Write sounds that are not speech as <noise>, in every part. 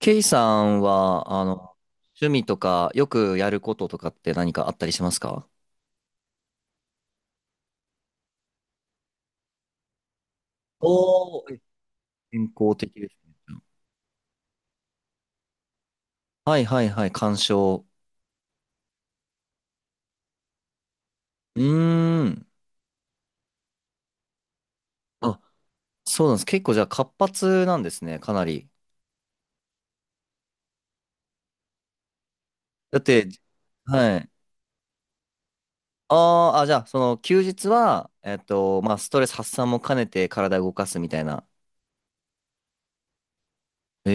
ケイさんは、趣味とか、よくやることとかって何かあったりしますか？おおー、健康的ですね。はいはいはい、鑑賞。うーん。あ、そうなんです。結構じゃあ活発なんですね、かなり。だって、はい。あーあ、じゃあ、その休日は、まあ、ストレス発散も兼ねて体動かすみたいな。え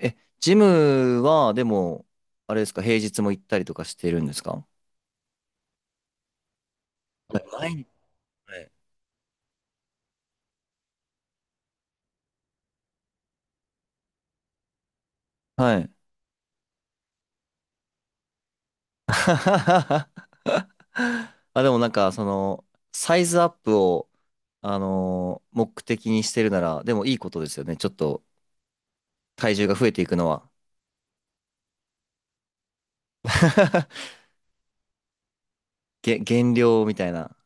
ー、え、ジムは、でも、あれですか、平日も行ったりとかしてるんですか？はい、毎日。はい。<laughs> あ、でもなんか、その、サイズアップを、目的にしてるなら、でもいいことですよね。ちょっと体重が増えていくのは。<laughs> 減量みたいな。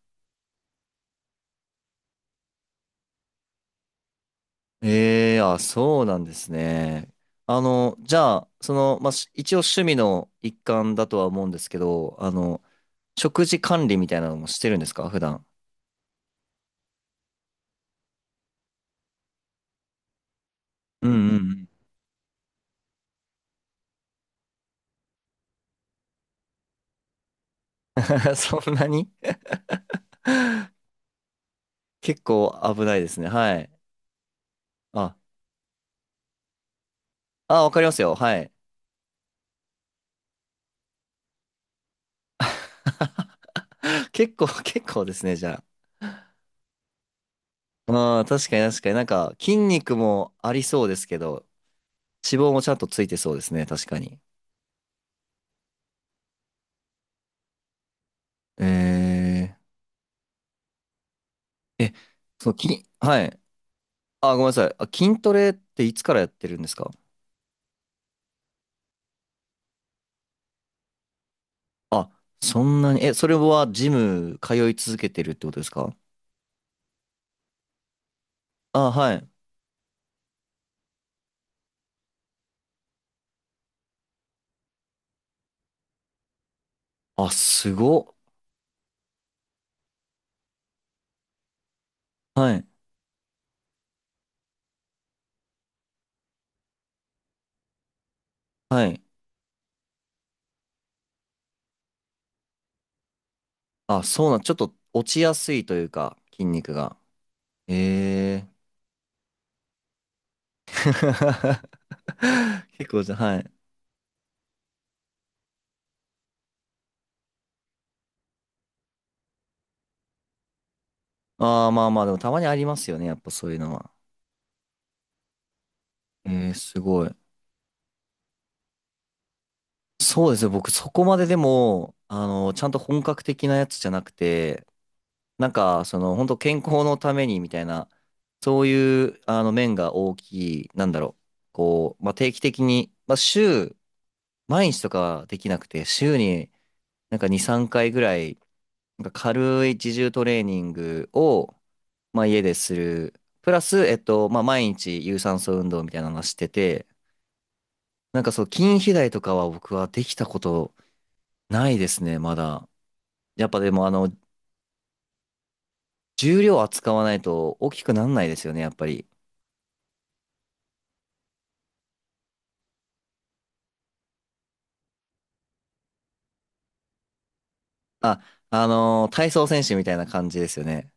ええ、あ、そうなんですね。じゃあ、まあ、一応趣味の一環だとは思うんですけど、食事管理みたいなのもしてるんですか、普段。うんうんうん。<laughs> そんなに、結構危ないですね。はい。あ、あ、わかりますよ。はい。<laughs> 結構、結構ですね、じゃあ。ああ、確かに確かになんか筋肉もありそうですけど、脂肪もちゃんとついてそうですね、確かに。えー、え、そう、はい。あ、ごめんなさい。あ、筋トレっていつからやってるんですか？あ、そんなに、え、それはジム通い続けてるってことですか？あ、はい。あ、すごっ。はい。はい。あ、そうなん、ちょっと落ちやすいというか、筋肉が。ええー。<laughs> 結構じゃ、はい。ああ、まあまあ、でもたまにありますよね。やっぱそういうのは。えー、すごい。そうですね。僕、そこまででも、ちゃんと本格的なやつじゃなくて、なんか、本当健康のためにみたいな、そういう、面が大きい、なんだろう。こう、まあ、定期的に、まあ、毎日とかはできなくて、週になんか2、3回ぐらい、なんか軽い自重トレーニングを、まあ、家でする。プラス、まあ、毎日有酸素運動みたいなのはしてて、なんかそう、筋肥大とかは僕はできたことないですね、まだ。やっぱでも重量扱わないと大きくなんないですよね、やっぱり。あ、体操選手みたいな感じですよね。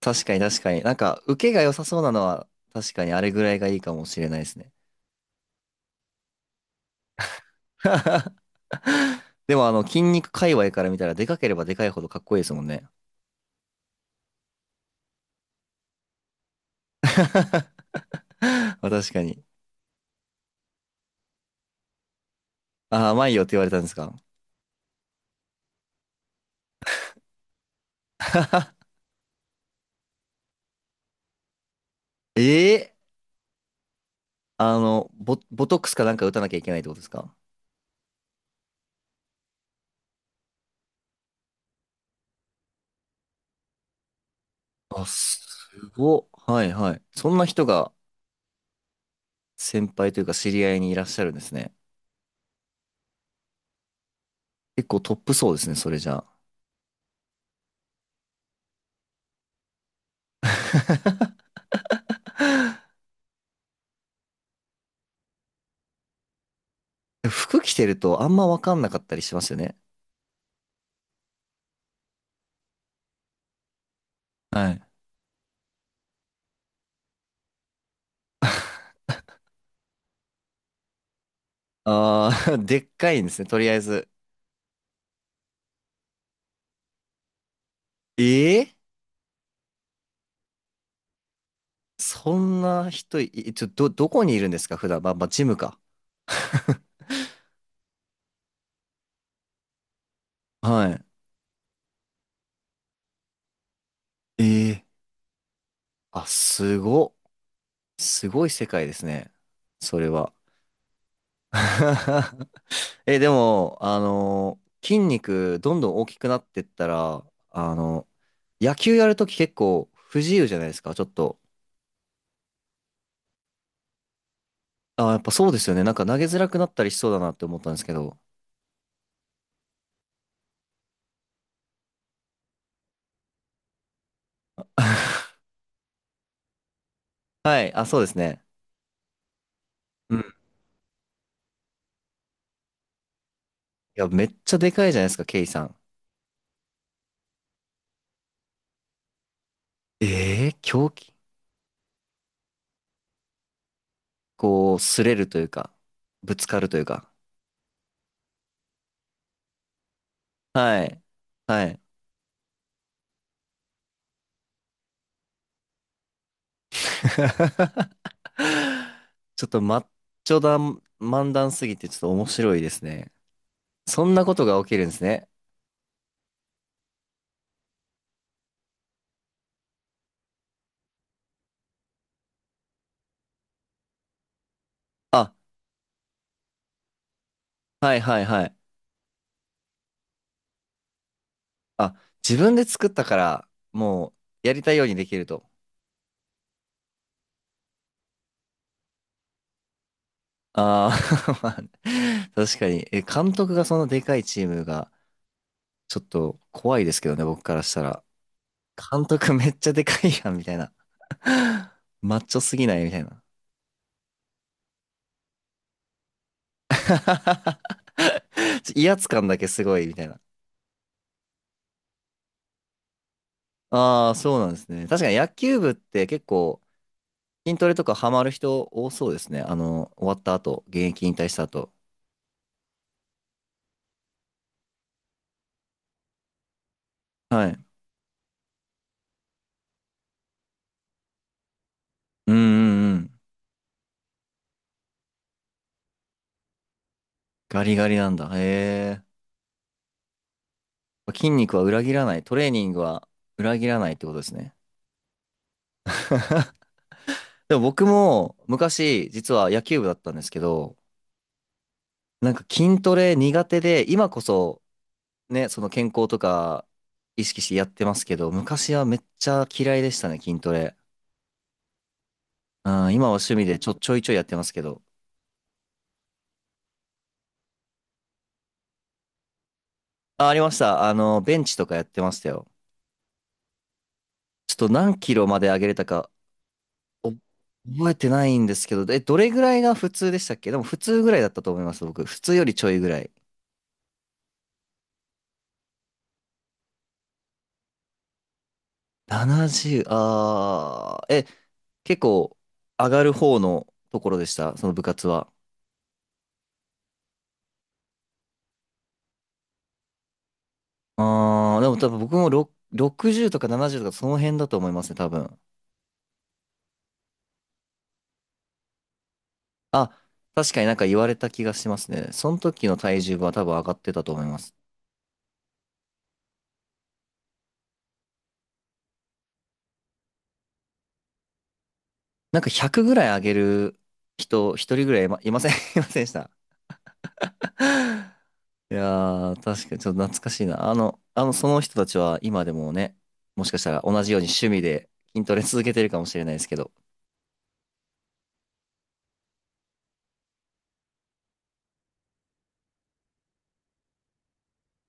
確かに確かに。なんか、受けが良さそうなのは、確かにあれぐらいがいいかもしれないですね。<laughs> でも筋肉界隈から見たら、でかければでかいほどかっこいいですもんね。<laughs> まあ確かに。あ、甘いよって言われたんですか。<laughs> ええ、ボトックスかなんか打たなきゃいけないってことですか？あ、すごっ。はいはい。そんな人が先輩というか知り合いにいらっしゃるんですね。結構トップそうですね、それじゃあ。<laughs> 服着てるとあんまわかんなかったりしますよね。はい。ああ、<laughs> でっかいんですね、とりあえず。ええ、そんな人い、いちょ、ど、どこにいるんですか、普段。まあ、まあ、ジムか。<laughs> はい。ええ、あ、すごっ。すごい世界ですね。それは。<laughs> え、でも、筋肉どんどん大きくなってったら、あの野球やるとき結構不自由じゃないですか、ちょっと。あ、やっぱそうですよね。なんか投げづらくなったりしそうだなって思ったんですけど。はい、あ、そうですね。うん。いや、めっちゃでかいじゃないですか、ケイさん。ええ、狂気、こう、擦れるというか、ぶつかるというか。はい。はい。<laughs> ちょっとマッチョだ、漫談すぎてちょっと面白いですね。そんなことが起きるんですね。あ、はいはいはい。あ、自分で作ったから、もうやりたいようにできると。ああ、 <laughs> まあね、確かに。え、監督がそのでかいチームが、ちょっと怖いですけどね、僕からしたら。監督めっちゃでかいやん、みたいな。<laughs> マッチョすぎない、みたいな。<laughs> 威圧感だけすごい、みたいな。ああ、そうなんですね。確かに野球部って結構、筋トレとかハマる人多そうですね。終わった後、現役引退した後。はい。うんうんうん。ガリガリなんだ。へえ。筋肉は裏切らない。トレーニングは裏切らないってことですね。でも僕も昔、実は野球部だったんですけど、なんか筋トレ苦手で、今こそね、その健康とか意識してやってますけど、昔はめっちゃ嫌いでしたね、筋トレ。うん、今は趣味でちょいちょいやってますけど。あ、ありました。ベンチとかやってましたよ。ちょっと何キロまで上げれたかお覚えてないんですけど、どれぐらいが普通でしたっけ？でも普通ぐらいだったと思います、僕。普通よりちょいぐらい。70、結構上がる方のところでした、その部活は。でも多分僕もろ60とか70とかその辺だと思いますね、多分。あ、確かになんか言われた気がしますね。その時の体重は多分上がってたと思います。なんか100ぐらい上げる人、一人ぐらいいません、 <laughs> いませんでした。いやー、確かにちょっと懐かしいな。その人たちは今でもね、もしかしたら同じように趣味で筋トレ続けてるかもしれないですけど、